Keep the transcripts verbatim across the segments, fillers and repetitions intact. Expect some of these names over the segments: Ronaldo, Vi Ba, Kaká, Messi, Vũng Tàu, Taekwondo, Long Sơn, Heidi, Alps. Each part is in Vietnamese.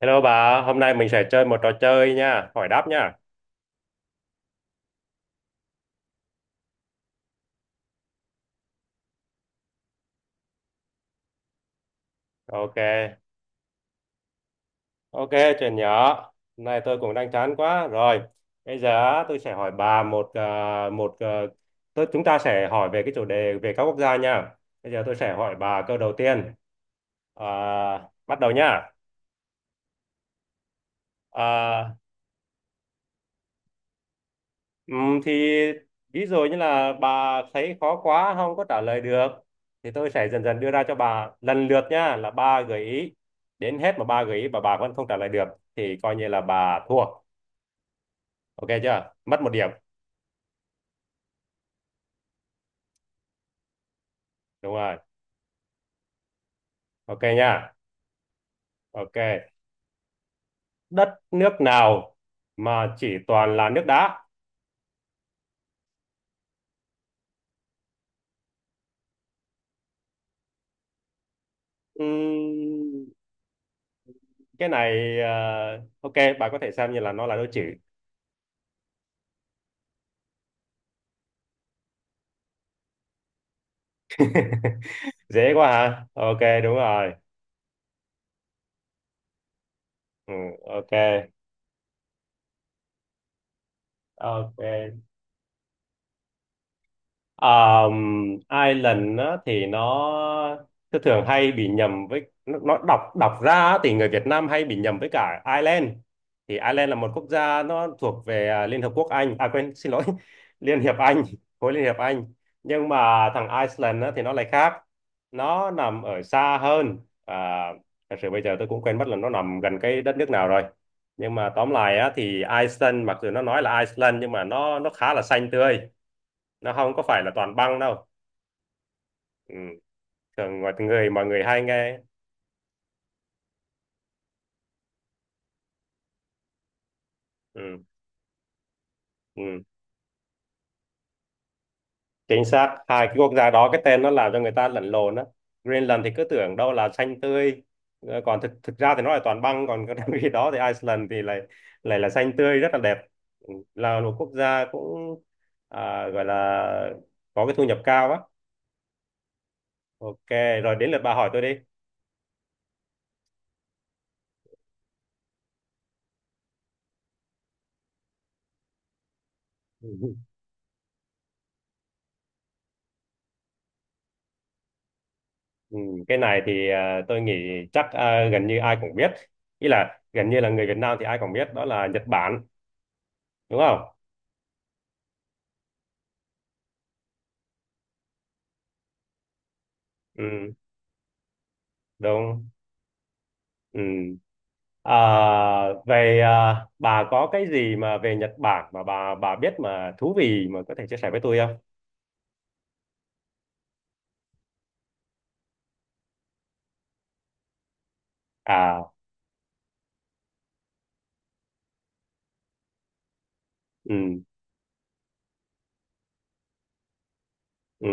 Hello bà, hôm nay mình sẽ chơi một trò chơi nha, hỏi đáp nha. Ok, ok, chuyện nhỏ. Hôm nay tôi cũng đang chán quá. Rồi, bây giờ á, tôi sẽ hỏi bà một ờ, một ờ, tôi chúng ta sẽ hỏi về cái chủ đề về các quốc gia nha. Bây giờ tôi sẽ hỏi bà câu đầu tiên. À, Bắt đầu nha. Ờ, Ừm, thì ví dụ như là bà thấy khó quá không có trả lời được, thì tôi sẽ dần dần đưa ra cho bà lần lượt nha, là ba gợi ý, đến hết mà ba gợi ý mà bà vẫn không trả lời được thì coi như là bà thua, ok chưa, mất một điểm. Đúng rồi, ok nha. Ok, đất nước nào mà chỉ toàn là nước đá? Ừm, cái này ờ, ok, bà có thể xem như là nó là đố chữ. Dễ quá hả, ok đúng rồi. Ừ, ok. Ok. Um, Ireland á, thì nó thường thường hay bị nhầm với nó, nó đọc đọc ra á, thì người Việt Nam hay bị nhầm với cả Ireland, thì Ireland là một quốc gia nó thuộc về à, Liên Hợp Quốc Anh, à quên, xin lỗi, Liên Hiệp Anh, khối Liên Hiệp Anh. Nhưng mà thằng Iceland á, thì nó lại khác, nó nằm ở xa hơn. à, Thật sự bây giờ tôi cũng quên mất là nó nằm gần cái đất nước nào rồi, nhưng mà tóm lại á, thì Iceland, mặc dù nó nói là Iceland, nhưng mà nó nó khá là xanh tươi, nó không có phải là toàn băng đâu. Ừ, thường mọi người mọi người hay nghe. Ừ. Ừ. Chính xác, hai cái quốc gia đó cái tên nó làm cho người ta lẫn lộn á. Greenland thì cứ tưởng đâu là xanh tươi, ờ, còn thực thực ra thì nó là toàn băng, còn cái cái đó thì Iceland thì lại lại là xanh tươi, rất là đẹp. Ừ, là một quốc gia cũng, à, gọi là có cái thu nhập cao á. Ok, rồi đến lượt bà hỏi tôi đi. Ừ, cái này thì à, tôi nghĩ chắc à, gần như ai cũng biết, ý là gần như là người Việt Nam thì ai cũng biết, đó là Nhật Bản, đúng không? Ừ, đúng. Ừ. À, về à, bà có cái gì mà về Nhật Bản mà bà bà biết mà thú vị mà có thể chia sẻ với tôi không? À. Ừ, ừ,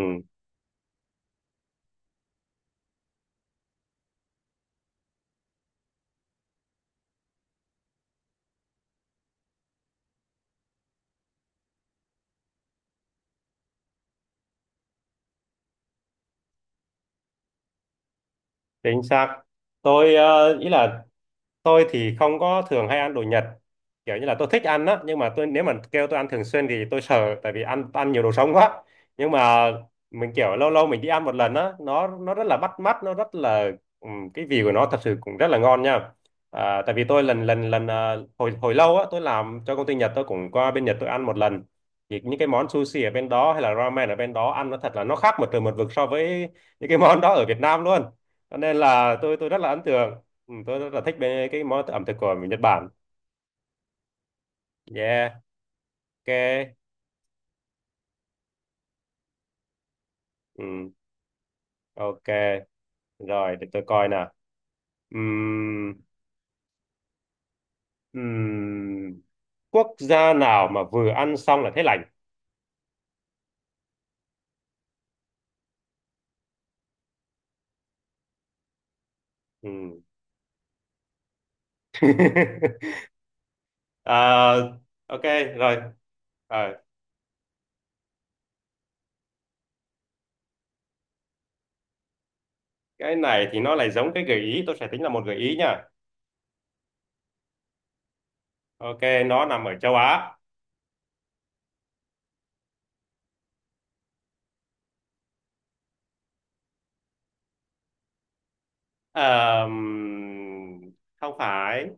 chính xác. Tôi, ờ, ý là tôi thì không có thường hay ăn đồ Nhật, kiểu như là tôi thích ăn á, nhưng mà tôi, nếu mà kêu tôi ăn thường xuyên thì tôi sợ, tại vì ăn, ăn nhiều đồ sống quá. Nhưng mà mình kiểu lâu lâu mình đi ăn một lần á, nó nó rất là bắt mắt, nó rất là, ừm, cái vị của nó thật sự cũng rất là ngon nha. À, tại vì tôi lần lần lần, à, hồi hồi lâu á, tôi làm cho công ty Nhật, tôi cũng qua bên Nhật tôi ăn một lần, thì những cái món sushi ở bên đó hay là ramen ở bên đó, ăn nó thật là nó khác một trời một vực so với những cái món đó ở Việt Nam luôn. Cho nên là tôi tôi rất là ấn tượng. Ừ, tôi rất là thích bên cái món ẩm thực của Nhật Bản. Yeah, ok. Ừ, ok. Rồi, để tôi coi nào. Ừm, ừm, Quốc gia nào mà vừa ăn xong là thấy lành? Ừm. À, ok, rồi. Ờ, cái này thì nó lại giống cái gợi ý, tôi sẽ tính là một gợi ý nha. Ok, nó nằm ở châu Á. Ờm, không phải.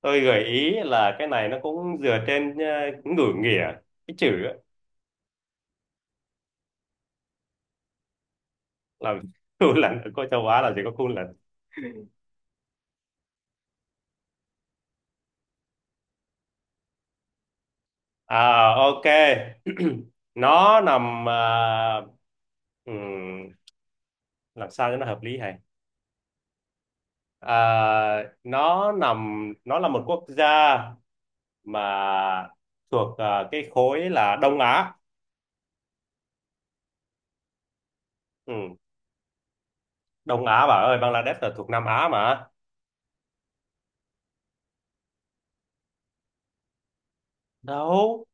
Tôi gợi ý là cái này nó cũng dựa trên ờ, ngữ nghĩa, cái chữ. Là khu lạnh ở có châu Á là chỉ có khu lạnh. À, ok. Nó nằm à, ừm, làm sao cho nó hợp lý hay, à, nó nằm, nó là một quốc gia mà thuộc à, cái khối là Đông Á. Ừ, Đông Á bà ơi, Bangladesh là thuộc Nam Á mà. Đâu,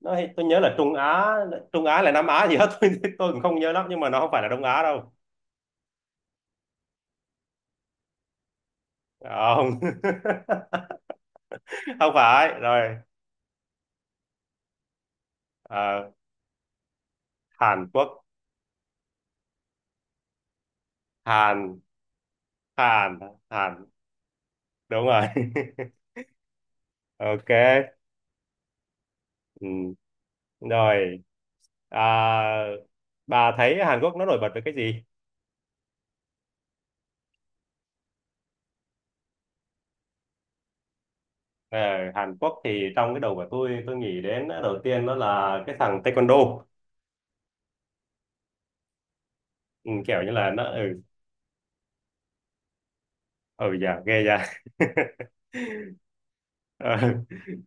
nó, tôi nhớ là Trung Á, Trung Á là Nam Á gì hết, tôi tôi cũng không nhớ lắm, nhưng mà nó không phải là Đông Á đâu. Không, không phải rồi. Ờ, Hàn Quốc. Hàn. Hàn. Hàn, đúng rồi. Ok. Ừ. Rồi, à, bà thấy Hàn Quốc nó nổi bật với cái gì? Ờ, Hàn Quốc thì trong cái đầu của tôi tôi nghĩ đến đầu tiên đó là cái thằng Taekwondo. Ừ, kiểu như là nó, ừ. Ừ dạ ghê dạ. Ờ,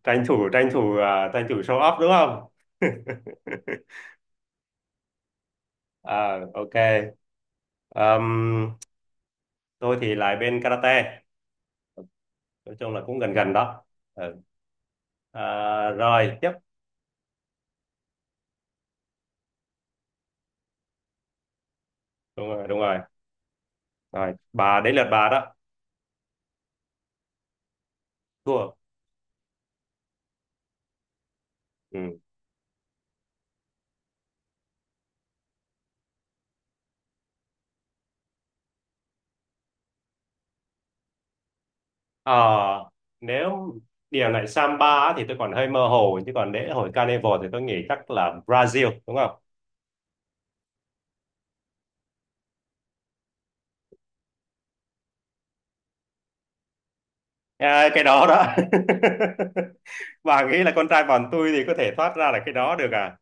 tranh thủ tranh thủ, à, tranh thủ show off đúng không. À, ok. Ờm, tôi thì lại bên karate, nói chung là cũng gần gần đó. Ờ, À, rồi tiếp. Đúng rồi, đúng rồi. Rồi, bà đến lượt bà đó. Thua. Ừ. Ờ, nếu điều này samba á thì tôi còn hơi mơ hồ, chứ còn lễ hội carnival thì tôi nghĩ chắc là Brazil, đúng không? À, cái đó đó. Bà nghĩ là con trai bọn tôi thì có thể thoát ra là cái đó được à?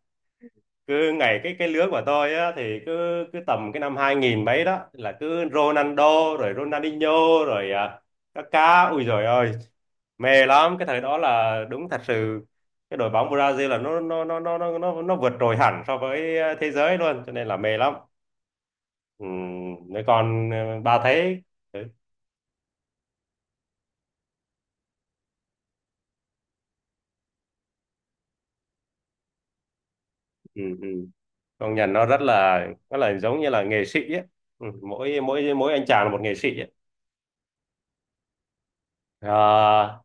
Cứ ngày Cái cái lứa của tôi á, thì cứ cứ tầm cái năm hai nghìn mấy đó là cứ Ronaldo, rồi Ronaldinho, rồi à, Kaká, ui rồi ơi, mê lắm. Cái thời đó là đúng thật sự cái đội bóng Brazil là nó nó nó nó nó nó, nó vượt trội hẳn so với ờ, thế giới luôn, cho nên là mê lắm. Ừ, nếu còn ờ, bà thấy. Ừ, ừ. Ừ, công nhận nó rất là, nó là giống như là nghệ sĩ ấy. Ừ, mỗi mỗi mỗi anh chàng là một nghệ sĩ ấy. À.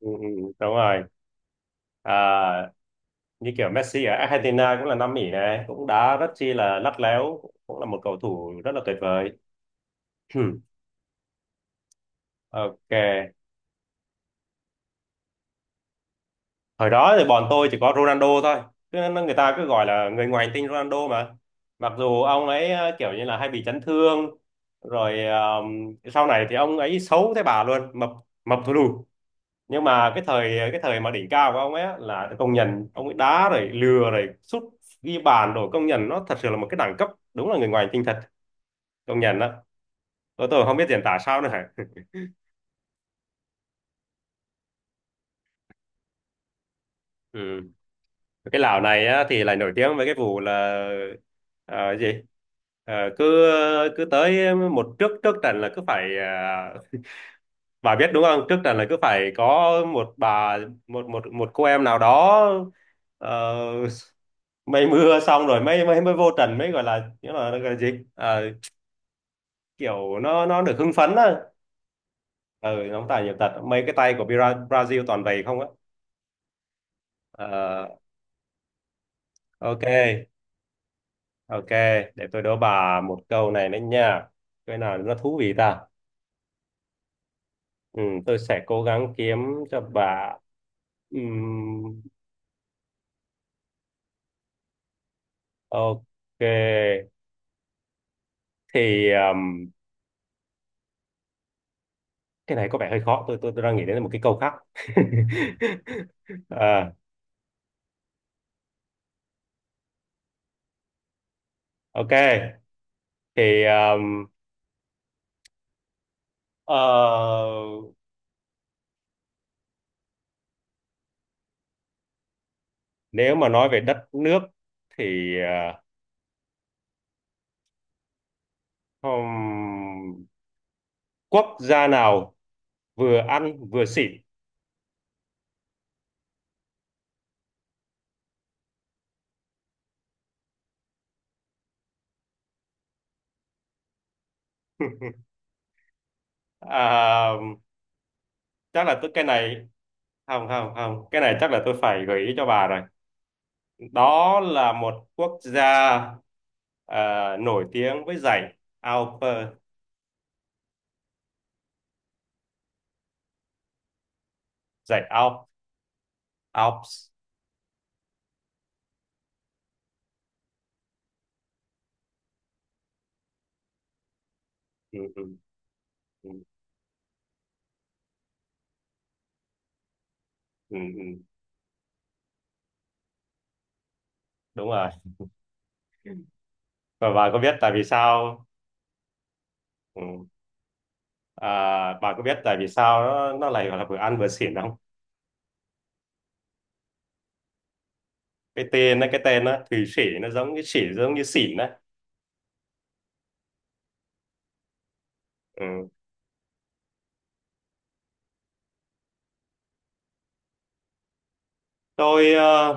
Ừ, ừ, đúng rồi. À, như kiểu Messi ở Argentina cũng là Nam Mỹ, này cũng đá rất chi là lắt léo, cũng là một cầu thủ rất là tuyệt vời. Ok. Hồi đó thì bọn tôi chỉ có Ronaldo thôi. Cứ, người ta cứ gọi là người ngoài hành tinh Ronaldo mà, mặc dù ông ấy ờ, kiểu như là hay bị chấn thương, rồi ờ, sau này thì ông ấy xấu thế bà luôn, mập, mập thù lù. Nhưng mà cái thời cái thời mà đỉnh cao của ông ấy á, là công nhận ông ấy đá rồi lừa rồi sút ghi bàn rồi, công nhận nó thật sự là một cái đẳng cấp, đúng là người ngoài hành tinh thật, công nhận đó. Ô, tôi không biết diễn tả sao nữa hả? Ừ. Cái lão này á, thì lại nổi tiếng với cái vụ là ờ, gì? Ờ, cứ Cứ tới một trước trước trận là cứ phải, ờ, bà biết đúng không? Trước trận là cứ phải có một bà, một một một cô em nào đó, ờ, mây mưa xong rồi mới mới mới vô trận, mới gọi là nghĩa là, gọi là gì? Ờ, kiểu nó nó được hưng phấn á. Ừ, nó tài nhiều tật, mấy cái tay của Bra- Brazil toàn vậy không á. Ờ, ok. Ok, để tôi đố bà một câu này đấy nha. Cái nào nó thú vị ta? Ừ, tôi sẽ cố gắng kiếm cho bà. Ừm, ok, thì um, cái này có vẻ hơi khó. Tôi, tôi tôi đang nghĩ đến một cái câu khác. À, ok, thì um, ờ, nếu mà nói về đất nước thì, ờ, hmm, quốc gia nào vừa ăn vừa xỉn? À, chắc là tôi cái này, không không không, cái này chắc là tôi phải gợi ý cho bà rồi. Đó là một quốc gia ờ, nổi tiếng với dãy Alps. Dãy Alps. Alps. ừ, ừ, ừ, ừ, ừ. Đúng rồi, và bà có biết tại vì sao? Ừ. À, bà có biết tại vì sao nó nó lại gọi là vừa ăn vừa xỉn không? Cái tên nó cái tên nó Thụy Sĩ, nó giống như xỉ, giống như xỉn đấy. Ừ. Tôi ờ,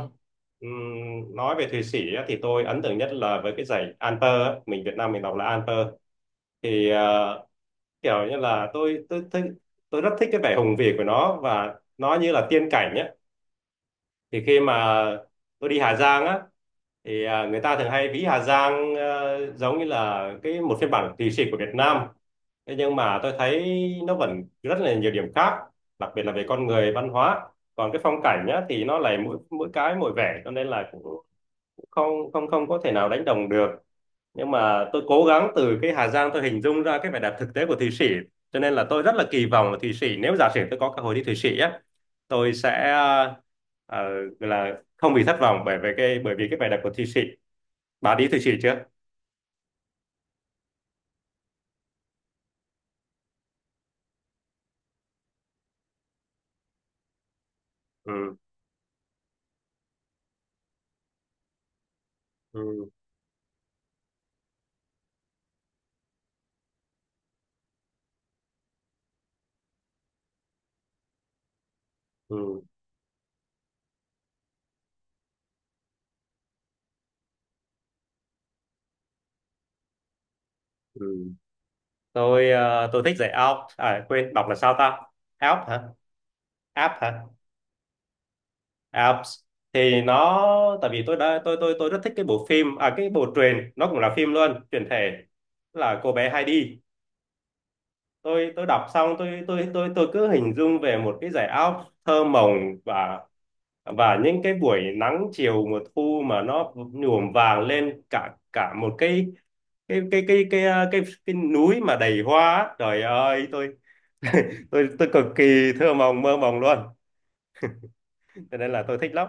ừm, nói về Thụy Sĩ á, thì tôi ấn tượng nhất là với cái dãy Alper á, mình Việt Nam mình đọc là Alper, thì ờ, kiểu như là tôi tôi thích, tôi rất thích cái vẻ hùng vĩ của nó, và nó như là tiên cảnh nhé. Thì khi mà tôi đi Hà Giang á, thì ờ, người ta thường hay ví Hà Giang ờ, giống như là cái một phiên bản lì xì của Việt Nam, thế nhưng mà tôi thấy nó vẫn rất là nhiều điểm khác, đặc biệt là về con người văn hóa. Còn cái phong cảnh nhá thì nó lại mỗi mỗi cái mỗi vẻ, cho nên là cũng không không không có thể nào đánh đồng được. Nhưng mà tôi cố gắng từ cái Hà Giang tôi hình dung ra cái vẻ đẹp thực tế của Thụy Sĩ. Cho nên là tôi rất là kỳ vọng là Thụy Sĩ, nếu giả sử tôi có cơ hội đi Thụy Sĩ á, tôi sẽ ờ, gọi là không bị thất vọng bởi vì cái, bởi vì cái vẻ đẹp của Thụy Sĩ. Bà đi Thụy Sĩ chưa? ừ ừ ừ ừ tôi ờ, tôi thích dạy Alps, à quên, đọc là sao ta, Alps hả? Alps hả? À, thì nó tại vì tôi đã tôi tôi tôi rất thích cái bộ phim, à cái bộ truyền, nó cũng là phim luôn, truyền thể, là cô bé Heidi. Tôi tôi đọc xong, tôi tôi tôi tôi cứ hình dung về một cái dải áo thơ mộng, và và những cái buổi nắng chiều mùa thu mà nó nhuộm vàng lên cả cả một cái cái cái cái cái cái cái, cái núi mà đầy hoa á. Trời ơi, tôi tôi tôi cực kỳ thơ mộng mơ mộng luôn, cho nên là tôi thích lắm.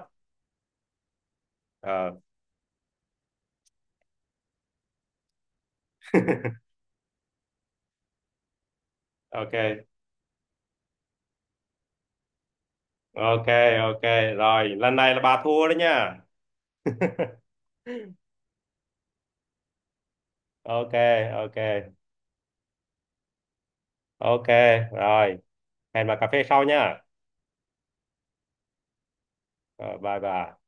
Ờ, ok. Ok. Ok, rồi lần này là bà thua đấy nha. Ok. Ok. Ok, rồi, hẹn bà cà phê sau nha. Rồi, bye bye.